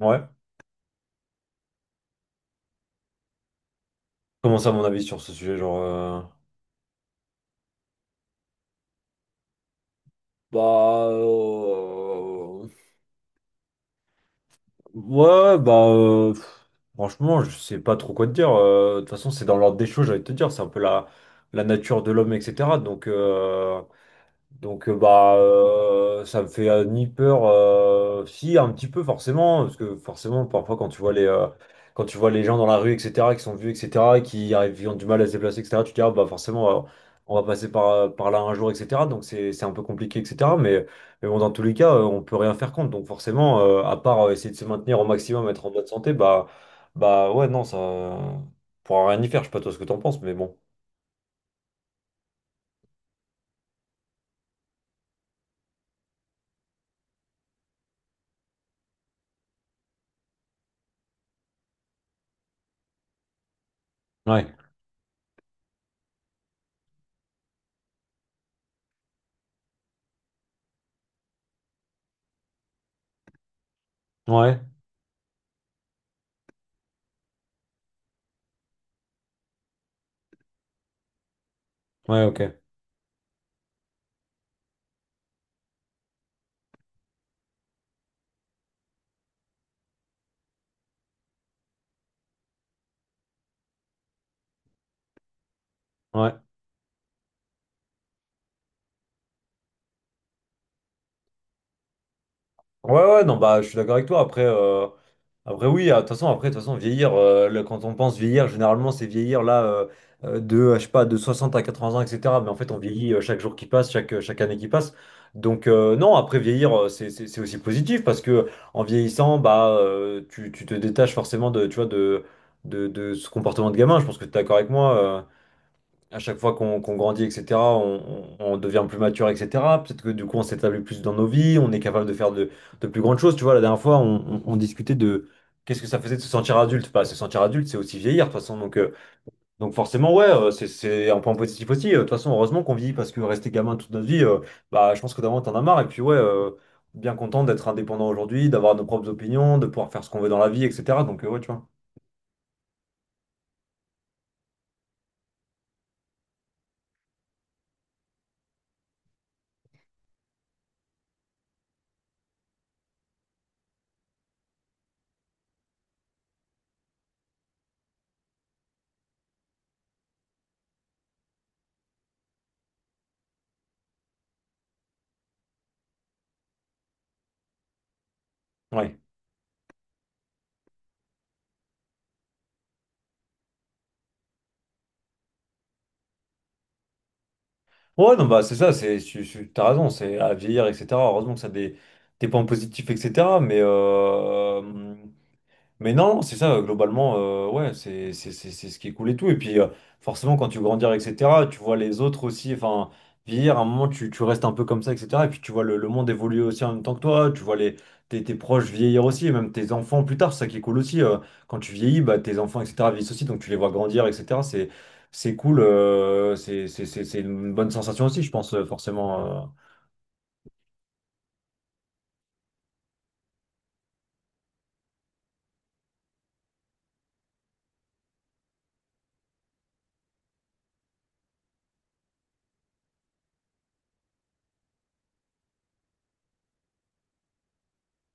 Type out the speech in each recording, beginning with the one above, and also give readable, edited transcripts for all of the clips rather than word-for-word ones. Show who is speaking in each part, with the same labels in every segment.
Speaker 1: Ouais. Comment ça, mon avis sur ce sujet? Genre, bah, ouais, ouais, bah, franchement, je sais pas trop quoi te dire. De toute façon, c'est dans l'ordre des choses, j'allais te dire. C'est un peu la nature de l'homme, etc. Donc, bah, ça me fait ni peur si un petit peu, forcément, parce que forcément parfois quand tu vois les gens dans la rue, etc., qui sont vieux, etc., qui arrivent, qui ont du mal à se déplacer, etc., tu te dis, ah, bah forcément, on va passer par, par là un jour, etc. Donc c'est un peu compliqué, etc., mais bon, dans tous les cas, on peut rien faire contre. Donc forcément, à part essayer de se maintenir au maximum, être en bonne santé. Bah ouais, non, ça on pourra rien y faire. Je sais pas toi ce que t'en penses, mais bon. Ouais. Ouais. Ouais, ok. Ouais. Ouais, ouais, non, bah, je suis d'accord avec toi. Après oui, ah, de toute façon, après, de toute façon, vieillir, là, quand on pense vieillir, généralement, c'est vieillir là, je sais pas, de 60 à 80 ans, etc. Mais en fait, on vieillit chaque jour qui passe, chaque année qui passe. Donc, non, après, vieillir, c'est c'est aussi positif parce que en vieillissant, bah, tu te détaches forcément de, tu vois, de ce comportement de gamin. Je pense que tu es d'accord avec moi. À chaque fois qu'on grandit, etc., on, on devient plus mature, etc. Peut-être que du coup, on s'établit plus dans nos vies, on est capable de faire de plus grandes choses. Tu vois, la dernière fois, on, on discutait de qu'est-ce que ça faisait de se sentir adulte. Pas se sentir adulte, c'est aussi vieillir, de toute façon. Donc forcément, ouais, c'est un point positif aussi. De toute façon, heureusement qu'on vieillit, parce que rester gamin toute notre vie, bah, je pense que d'avant, t'en as marre. Et puis, ouais, bien content d'être indépendant aujourd'hui, d'avoir nos propres opinions, de pouvoir faire ce qu'on veut dans la vie, etc. Donc, ouais, tu vois. Ouais. Ouais, non, bah, c'est ça, c'est, tu, t'as raison, c'est à vieillir, etc. Heureusement que ça a des points positifs, etc. Mais non, c'est ça, globalement, ouais, c'est c'est ce qui est cool et tout. Et puis, forcément, quand tu grandis, etc., tu vois les autres aussi, enfin, vieillir, à un moment, tu restes un peu comme ça, etc. Et puis, tu vois le monde évoluer aussi en même temps que toi, tu vois les, tes, tes proches vieillir aussi, et même tes enfants plus tard, c'est ça qui est cool aussi. Quand tu vieillis, bah, tes enfants, etc., vieillissent aussi, donc tu les vois grandir, etc. C'est cool, c'est c'est une bonne sensation aussi, je pense, forcément.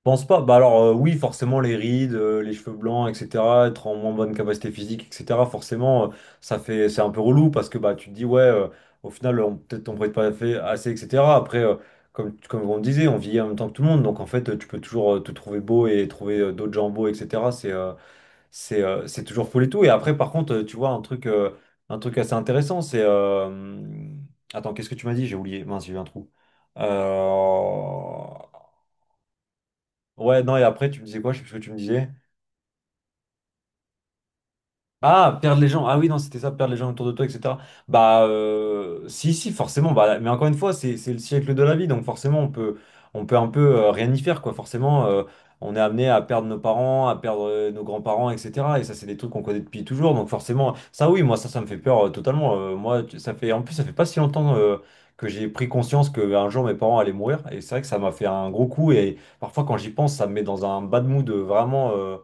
Speaker 1: Pense pas. Bah alors oui, forcément les rides, les cheveux blancs, etc. Être en moins bonne capacité physique, etc. Forcément, ça fait, c'est un peu relou parce que bah tu te dis ouais, au final peut-être on pourrait pas fait assez, etc. Après, comme on disait, on vieillit en même temps que tout le monde. Donc en fait, tu peux toujours te trouver beau et trouver d'autres gens beaux, etc. C'est c'est toujours fou et tout. Et après par contre, tu vois un truc assez intéressant, c'est attends qu'est-ce que tu m'as dit? J'ai oublié. Mince, j'ai eu un trou. Euh, Ouais, non, et après, tu me disais quoi? Je sais plus ce que tu me disais. Ah, perdre les gens. Ah oui, non, c'était ça, perdre les gens autour de toi, etc. Bah, si, forcément. Bah, mais encore une fois, c'est le siècle de la vie, donc forcément, on peut un peu rien y faire, quoi. Forcément, on est amené à perdre nos parents, à perdre nos grands-parents, etc. Et ça, c'est des trucs qu'on connaît depuis toujours, donc forcément, ça, oui, moi, ça me fait peur totalement. Moi, ça fait, en plus, ça fait pas si longtemps que j'ai pris conscience qu'un jour, mes parents allaient mourir, et c'est vrai que ça m'a fait un gros coup, et parfois, quand j'y pense, ça me met dans un bad mood vraiment.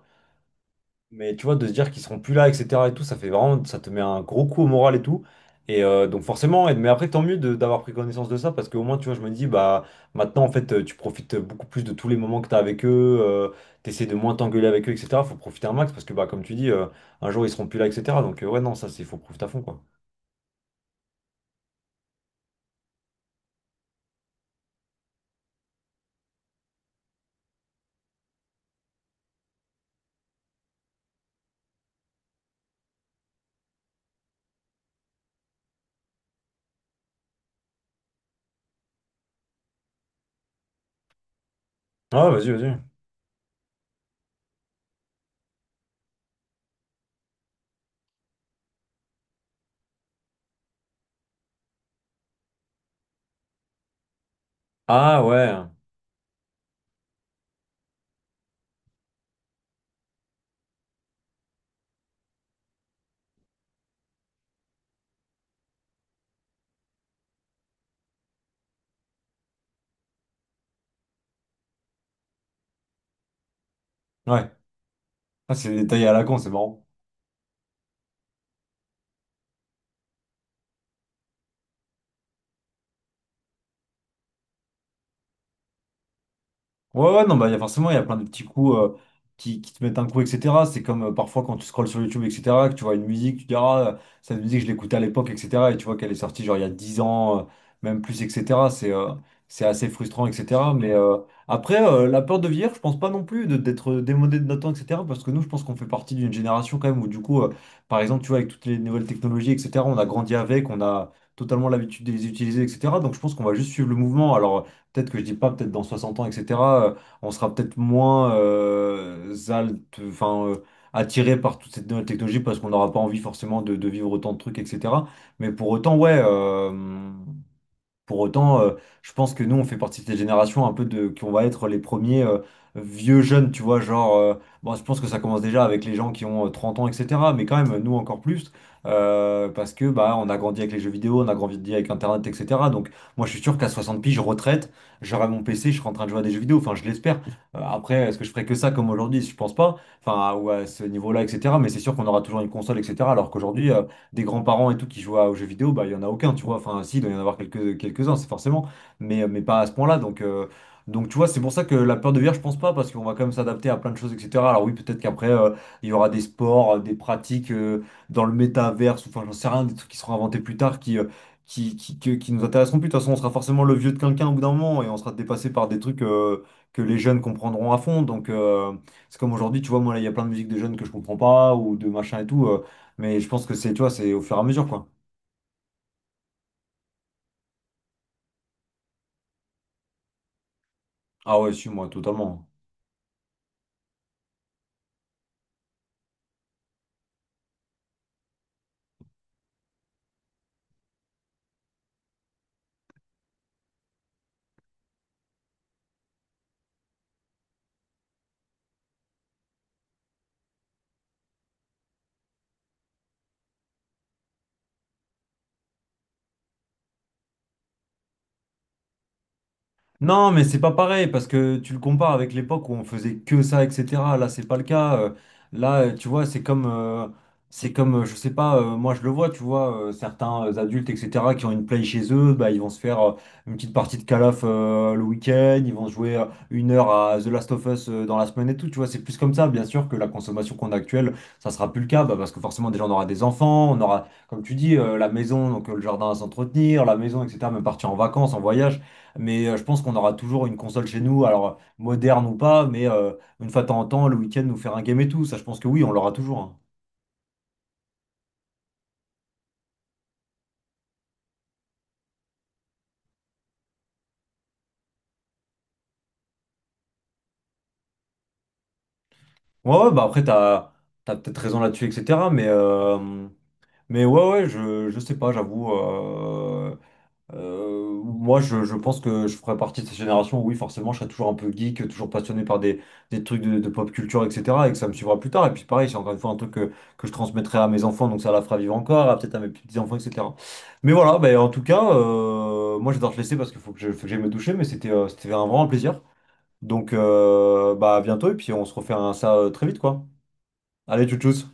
Speaker 1: Mais tu vois, de se dire qu'ils seront plus là, etc. et tout, ça fait vraiment, ça te met un gros coup au moral et tout. Et donc forcément, mais après, tant mieux d'avoir pris connaissance de ça, parce qu'au moins, tu vois, je me dis, bah, maintenant, en fait, tu profites beaucoup plus de tous les moments que tu as avec eux, tu essaies de moins t'engueuler avec eux, etc. Faut profiter un max, parce que, bah, comme tu dis, un jour, ils seront plus là, etc. Donc, ouais, non, ça, c'est, faut profiter à fond, quoi. Ah, ouais, vas-y, vas-y. Ah, ouais. Ouais. Ah, c'est détaillé à la con, c'est marrant. Ouais, ouais, non, bah, il y a forcément, il y a plein de petits coups qui te mettent un coup, etc. C'est comme parfois quand tu scrolles sur YouTube, etc., que tu vois une musique, tu te dis, ah, cette musique, je l'écoutais à l'époque, etc. Et tu vois qu'elle est sortie genre il y a 10 ans, même plus, etc. C'est assez frustrant, etc. Mais après, la peur de vieillir, je pense pas non plus d'être démodé de notre temps, etc. Parce que nous, je pense qu'on fait partie d'une génération quand même où, du coup, par exemple, tu vois, avec toutes les nouvelles technologies, etc., on a grandi avec, on a totalement l'habitude de les utiliser, etc. Donc, je pense qu'on va juste suivre le mouvement. Alors, peut-être que je dis pas, peut-être dans 60 ans, etc., euh, on sera peut-être moins enfin, attiré par toutes cette nouvelle technologie parce qu'on n'aura pas envie forcément de vivre autant de trucs, etc. Mais pour autant, ouais. Pour autant, je pense que nous, on fait partie de cette génération un peu de, qu'on va être les premiers vieux jeunes, tu vois, genre, bon, je pense que ça commence déjà avec les gens qui ont 30 ans, etc. Mais quand même, nous encore plus, parce que bah, on a grandi avec les jeux vidéo, on a grandi avec Internet, etc. Donc, moi, je suis sûr qu'à 60 piges, je retraite, j'aurai mon PC, je serai en train de jouer à des jeux vidéo, enfin, je l'espère. Après, est-ce que je ferai que ça comme aujourd'hui? Je pense pas, enfin, ou à ce niveau-là, etc. Mais c'est sûr qu'on aura toujours une console, etc. Alors qu'aujourd'hui, des grands-parents et tout qui jouent aux jeux vidéo, bah, il n'y en a aucun, tu vois. Enfin, si, il doit y en avoir quelques, quelques-uns, c'est forcément, mais pas à ce point-là. Donc, tu vois, c'est pour ça que la peur de vieillir, je pense pas, parce qu'on va quand même s'adapter à plein de choses, etc. Alors, oui, peut-être qu'après, il y aura des sports, des pratiques dans le métaverse, ou enfin, j'en sais rien, des trucs qui seront inventés plus tard qui. Qui, qui nous intéresseront plus. De toute façon, on sera forcément le vieux de quelqu'un au bout d'un moment et on sera dépassé par des trucs que les jeunes comprendront à fond. Donc, c'est comme aujourd'hui, tu vois, moi, là, il y a plein de musique de jeunes que je comprends pas ou de machin et tout. Mais je pense que c'est, tu vois, c'est au fur et à mesure, quoi. Ah ouais, suis moi, totalement. Non, mais c'est pas pareil parce que tu le compares avec l'époque où on faisait que ça, etc. Là, c'est pas le cas. Là, tu vois, c'est comme, je sais pas, moi je le vois, tu vois, certains adultes, etc., qui ont une play chez eux, bah, ils vont se faire une petite partie de calaf le week-end, ils vont jouer 1 heure à The Last of Us dans la semaine et tout, tu vois, c'est plus comme ça. Bien sûr que la consommation qu'on a actuelle, ça sera plus le cas, bah, parce que forcément, déjà, on aura des enfants, on aura, comme tu dis, la maison, donc le jardin à s'entretenir, la maison, etc., même partir en vacances, en voyage. Mais je pense qu'on aura toujours une console chez nous, alors moderne ou pas, mais une fois de temps en temps, le week-end, nous faire un game et tout. Ça, je pense que oui, on l'aura toujours, hein. Ouais, ouais, bah après, t'as, t'as peut-être raison là-dessus, etc. Mais ouais, ouais, je sais pas, j'avoue. Euh, moi, je pense que je ferais partie de cette génération où, oui, forcément, je serais toujours un peu geek, toujours passionné par des trucs de pop culture, etc. Et que ça me suivra plus tard. Et puis, pareil, c'est encore une fois un truc que je transmettrai à mes enfants, donc ça la fera vivre encore, à peut-être à mes petits-enfants, etc. Mais voilà, bah, en tout cas, moi, je vais devoir te laisser parce qu'il faut que je, faut que j'aille me doucher, mais c'était c'était un vraiment plaisir. Donc, bah, à bientôt, et puis on se refait un, ça très vite, quoi. Allez, tchou tchou